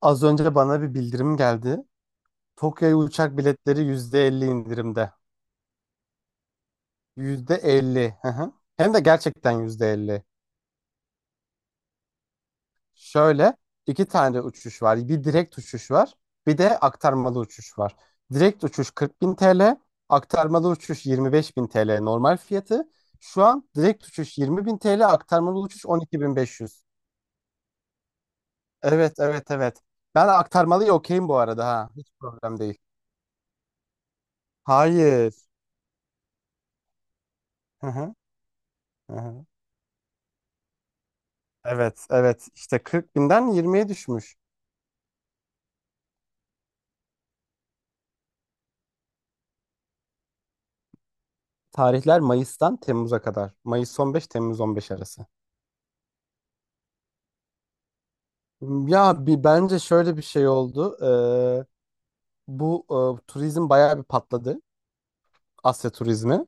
Az önce bana bir bildirim geldi. Tokyo'ya uçak biletleri %50 indirimde. %50. Hı hı. Hem de gerçekten %50. Şöyle iki tane uçuş var. Bir direkt uçuş var. Bir de aktarmalı uçuş var. Direkt uçuş 40.000 TL. Aktarmalı uçuş 25.000 TL normal fiyatı. Şu an direkt uçuş 20.000 TL. Aktarmalı uçuş 12.500. Evet, evet, evet. Ben aktarmalıya okeyim bu arada, ha. Hiç problem değil. Hayır. Hı hı. Hı hı. Evet, evet. İşte 40 binden 20'ye düşmüş. Tarihler Mayıs'tan Temmuz'a kadar. Mayıs 15, Temmuz 15 arası. Ya bir bence şöyle bir şey oldu. Ee, bu turizm bayağı bir patladı. Asya turizmi.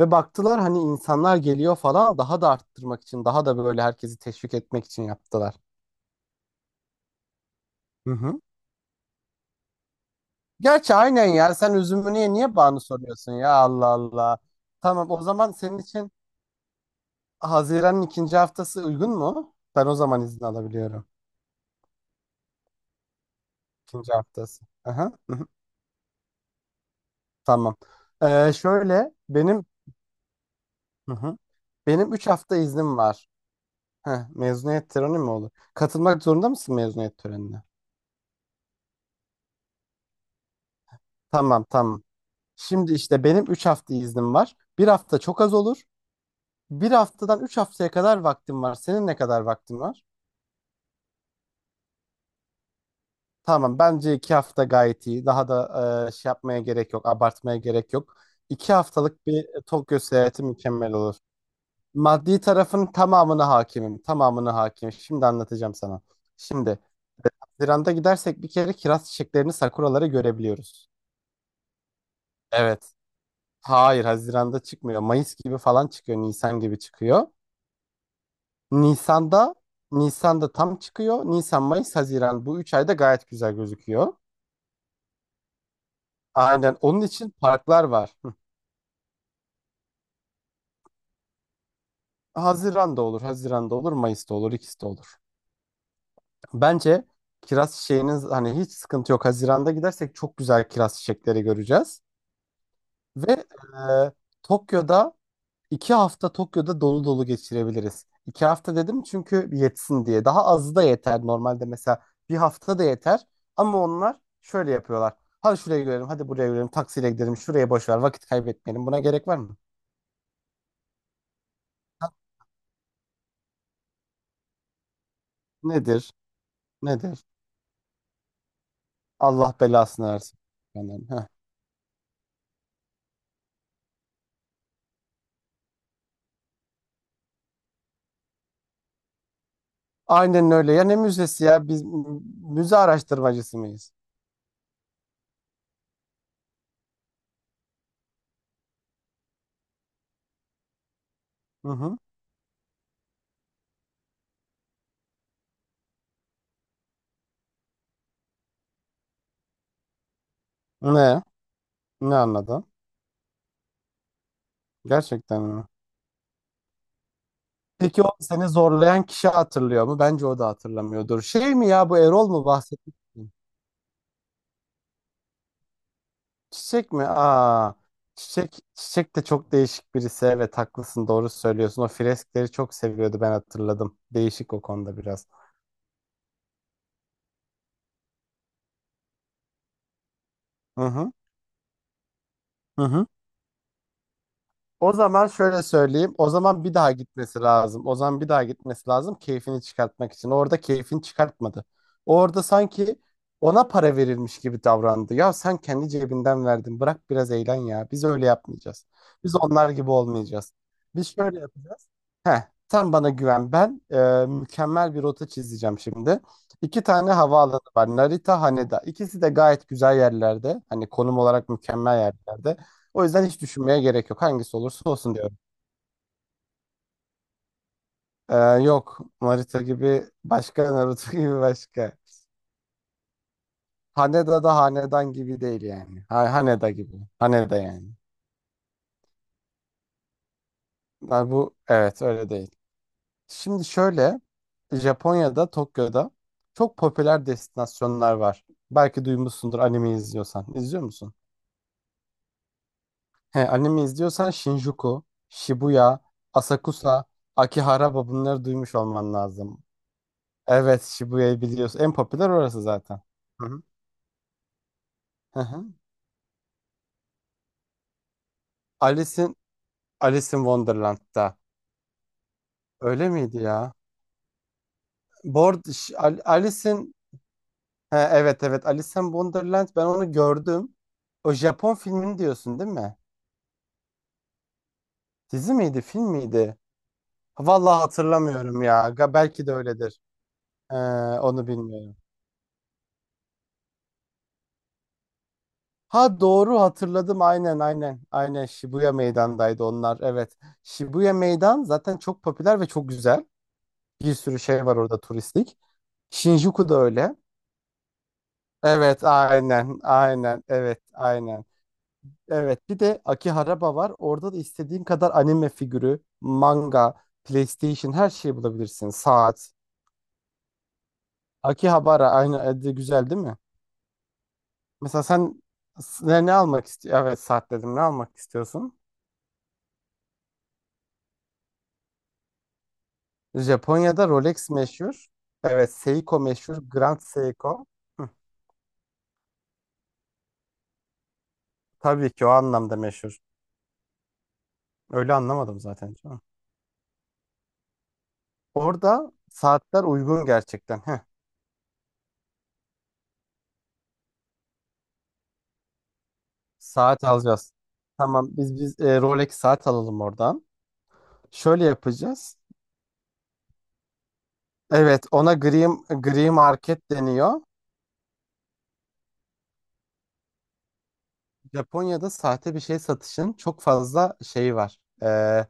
Ve baktılar hani insanlar geliyor falan, daha da arttırmak için, daha da böyle herkesi teşvik etmek için yaptılar. Hı hı. Gerçi aynen ya, sen üzümünü niye bağını soruyorsun ya, Allah Allah. Tamam, o zaman senin için Haziran'ın ikinci haftası uygun mu? Ben o zaman izin alabiliyorum. İkinci haftası. Aha, hı hı. Tamam. Şöyle benim, hı hı, benim 3 hafta iznim var. Heh, mezuniyet töreni mi olur? Katılmak zorunda mısın mezuniyet törenine? Tamam, tamam. Şimdi işte benim 3 hafta iznim var. Bir hafta çok az olur. Bir haftadan 3 haftaya kadar vaktim var. Senin ne kadar vaktin var? Tamam, bence 2 hafta gayet iyi. Daha da şey yapmaya gerek yok. Abartmaya gerek yok. 2 haftalık bir Tokyo seyahati mükemmel olur. Maddi tarafın tamamına hakimim. Tamamına hakimim. Şimdi anlatacağım sana. Şimdi Haziran'da gidersek bir kere kiraz çiçeklerini, sakuraları görebiliyoruz. Evet. Hayır, Haziran'da çıkmıyor. Mayıs gibi falan çıkıyor. Nisan gibi çıkıyor. Nisan'da Nisan'da tam çıkıyor. Nisan, Mayıs, Haziran bu 3 ayda gayet güzel gözüküyor. Aynen. Onun için parklar var. Hı. Haziran'da olur, Haziran'da olur, Mayıs'ta olur, ikisi de olur. Bence kiraz çiçeğiniz hani hiç sıkıntı yok. Haziran'da gidersek çok güzel kiraz çiçekleri göreceğiz. Ve Tokyo'da iki hafta Tokyo'da dolu dolu geçirebiliriz. İki hafta dedim çünkü yetsin diye. Daha azı da yeter normalde, mesela bir hafta da yeter. Ama onlar şöyle yapıyorlar. Hadi şuraya görelim, hadi buraya görelim, taksiyle gidelim, şuraya boş ver, vakit kaybetmeyelim. Buna gerek var mı? Nedir? Nedir? Allah belasını versin. Yani, heh. Aynen öyle. Ya ne müzesi ya? Biz müze araştırmacısı mıyız? Hı hı. Ne? Ne anladın? Gerçekten mi? Peki, o seni zorlayan kişi hatırlıyor mu? Bence o da hatırlamıyordur. Şey mi ya, bu Erol mu bahsetmiştin? Çiçek mi? Aa, Çiçek, Çiçek de çok değişik birisi. Evet, haklısın, doğru söylüyorsun. O freskleri çok seviyordu, ben hatırladım. Değişik o konuda biraz. Hı hı. Hı hı. O zaman şöyle söyleyeyim. O zaman bir daha gitmesi lazım. O zaman bir daha gitmesi lazım keyfini çıkartmak için. Orada keyfini çıkartmadı. Orada sanki ona para verilmiş gibi davrandı. Ya sen kendi cebinden verdin. Bırak biraz eğlen ya. Biz öyle yapmayacağız. Biz onlar gibi olmayacağız. Biz şöyle yapacağız. Heh, sen bana güven. Ben mükemmel bir rota çizeceğim şimdi. İki tane havaalanı var. Narita, Haneda. İkisi de gayet güzel yerlerde. Hani konum olarak mükemmel yerlerde. O yüzden hiç düşünmeye gerek yok. Hangisi olursa olsun diyorum. Ee, yok. Naruto gibi başka, Naruto gibi başka. Haneda da hanedan gibi değil yani. Ha, Haneda gibi. Haneda yani. Ha, bu evet öyle değil. Şimdi şöyle Japonya'da Tokyo'da çok popüler destinasyonlar var. Belki duymuşsundur, anime izliyorsan. İzliyor musun? He, anime izliyorsan Shinjuku, Shibuya, Asakusa, Akihabara, bunları duymuş olman lazım. Evet, Shibuya'yı biliyorsun. En popüler orası zaten. Hı hı. Hı hı. Alice in, Alice in Wonderland'da. Öyle miydi ya? Alice'in, ha, evet evet Alice in Wonderland, ben onu gördüm. O Japon filmini diyorsun değil mi? Dizi miydi, film miydi? Vallahi hatırlamıyorum ya. Belki de öyledir. Ee, onu bilmiyorum. Ha, doğru hatırladım, aynen aynen. Aynen Shibuya Meydan'daydı onlar. Evet. Shibuya Meydan zaten çok popüler ve çok güzel. Bir sürü şey var orada turistik. Shinjuku da öyle. Evet, aynen, aynen, evet, aynen. Evet, bir de Akihabara var. Orada da istediğin kadar anime figürü, manga, PlayStation, her şeyi bulabilirsin. Saat. Akihabara aynı de güzel değil mi? Mesela sen ne almak istiyorsun? Evet, saat dedim. Ne almak istiyorsun? Japonya'da Rolex meşhur. Evet, Seiko meşhur. Grand Seiko. Hı, tabii ki o anlamda meşhur. Öyle anlamadım zaten, canım. Orada saatler uygun gerçekten. Heh. Saat alacağız. Tamam, biz Rolex saat alalım oradan. Şöyle yapacağız. Evet, ona gri market deniyor. Japonya'da sahte bir şey satışın çok fazla şeyi var. Ee,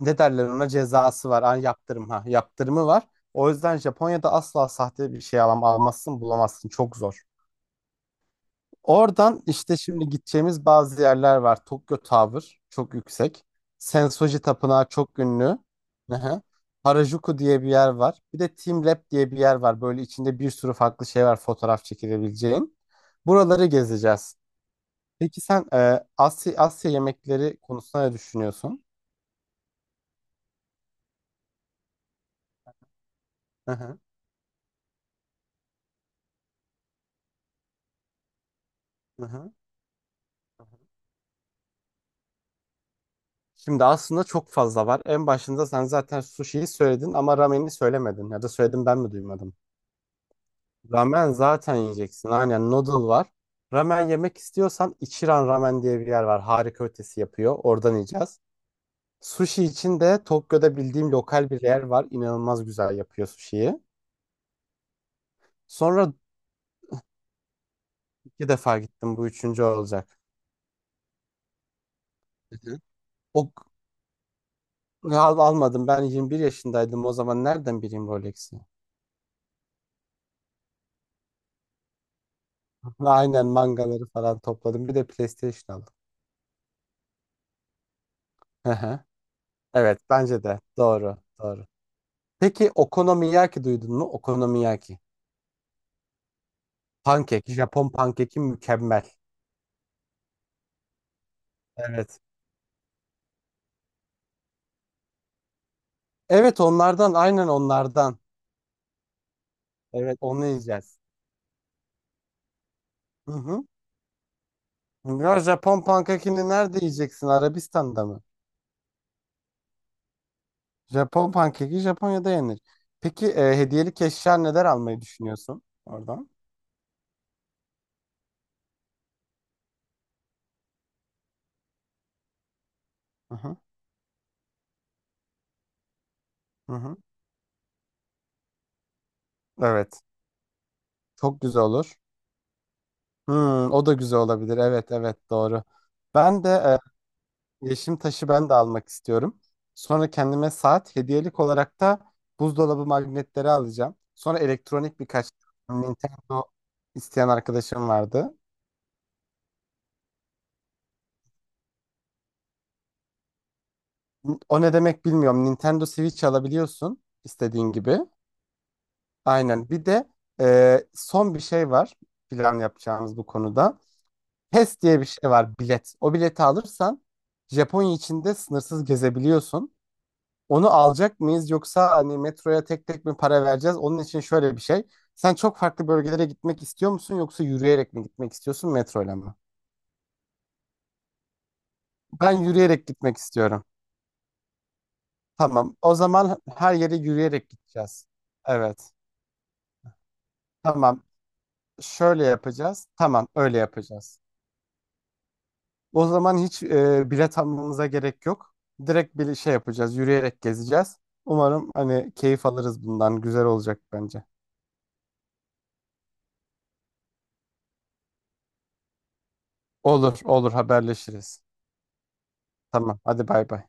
ne derler ona, cezası var. Ha, yaptırımı var. O yüzden Japonya'da asla sahte bir şey almazsın, bulamazsın. Çok zor. Oradan işte şimdi gideceğimiz bazı yerler var. Tokyo Tower çok yüksek. Sensoji Tapınağı çok ünlü. Aha. Harajuku diye bir yer var. Bir de Team Lab diye bir yer var. Böyle içinde bir sürü farklı şey var fotoğraf çekilebileceğin. Buraları gezeceğiz. Peki sen Asya yemekleri konusunda ne düşünüyorsun? Aha, aha. Şimdi aslında çok fazla var. En başında sen zaten sushi'yi söyledin ama ramen'i söylemedin. Ya da söyledim ben mi duymadım? Ramen zaten yiyeceksin. Aynen, noodle var. Ramen yemek istiyorsan Ichiran Ramen diye bir yer var. Harika ötesi yapıyor. Oradan yiyeceğiz. Sushi için de Tokyo'da bildiğim lokal bir yer var. İnanılmaz güzel yapıyor sushi'yi. Sonra iki defa gittim. Bu üçüncü olacak. Hı hı. O almadım. Ben 21 yaşındaydım. O zaman nereden bileyim Rolex'i? Aynen, mangaları falan topladım. Bir de PlayStation aldım. Hı hı. Evet, bence de. Doğru. Doğru. Peki Okonomiyaki duydun mu? Okonomiyaki. Pankek. Japon pankeki mükemmel. Evet. Evet, onlardan, aynen onlardan. Evet, onu yiyeceğiz. Hı hı. Ya Japon pankekini nerede yiyeceksin? Arabistan'da mı? Japon pankeki Japonya'da yenir. Peki hediyelik eşya neler almayı düşünüyorsun oradan? Hı hı. Hı hı. Evet. Çok güzel olur. Hmm, o da güzel olabilir. Evet, evet, doğru. Ben de yeşim taşı ben de almak istiyorum. Sonra kendime saat hediyelik olarak da buzdolabı magnetleri alacağım. Sonra elektronik birkaç Nintendo isteyen arkadaşım vardı. O ne demek bilmiyorum. Nintendo Switch alabiliyorsun istediğin gibi. Aynen. Bir de son bir şey var plan yapacağımız bu konuda. PES diye bir şey var bilet. O bileti alırsan Japonya içinde sınırsız gezebiliyorsun. Onu alacak mıyız yoksa hani metroya tek tek mi para vereceğiz? Onun için şöyle bir şey. Sen çok farklı bölgelere gitmek istiyor musun yoksa yürüyerek mi gitmek istiyorsun metroyla mı? Ben yürüyerek gitmek istiyorum. Tamam. O zaman her yere yürüyerek gideceğiz. Evet. Tamam. Şöyle yapacağız. Tamam, öyle yapacağız. O zaman hiç bilet almamıza gerek yok. Direkt bir şey yapacağız. Yürüyerek gezeceğiz. Umarım hani keyif alırız bundan. Güzel olacak bence. Olur, olur, haberleşiriz. Tamam. Hadi bay bay.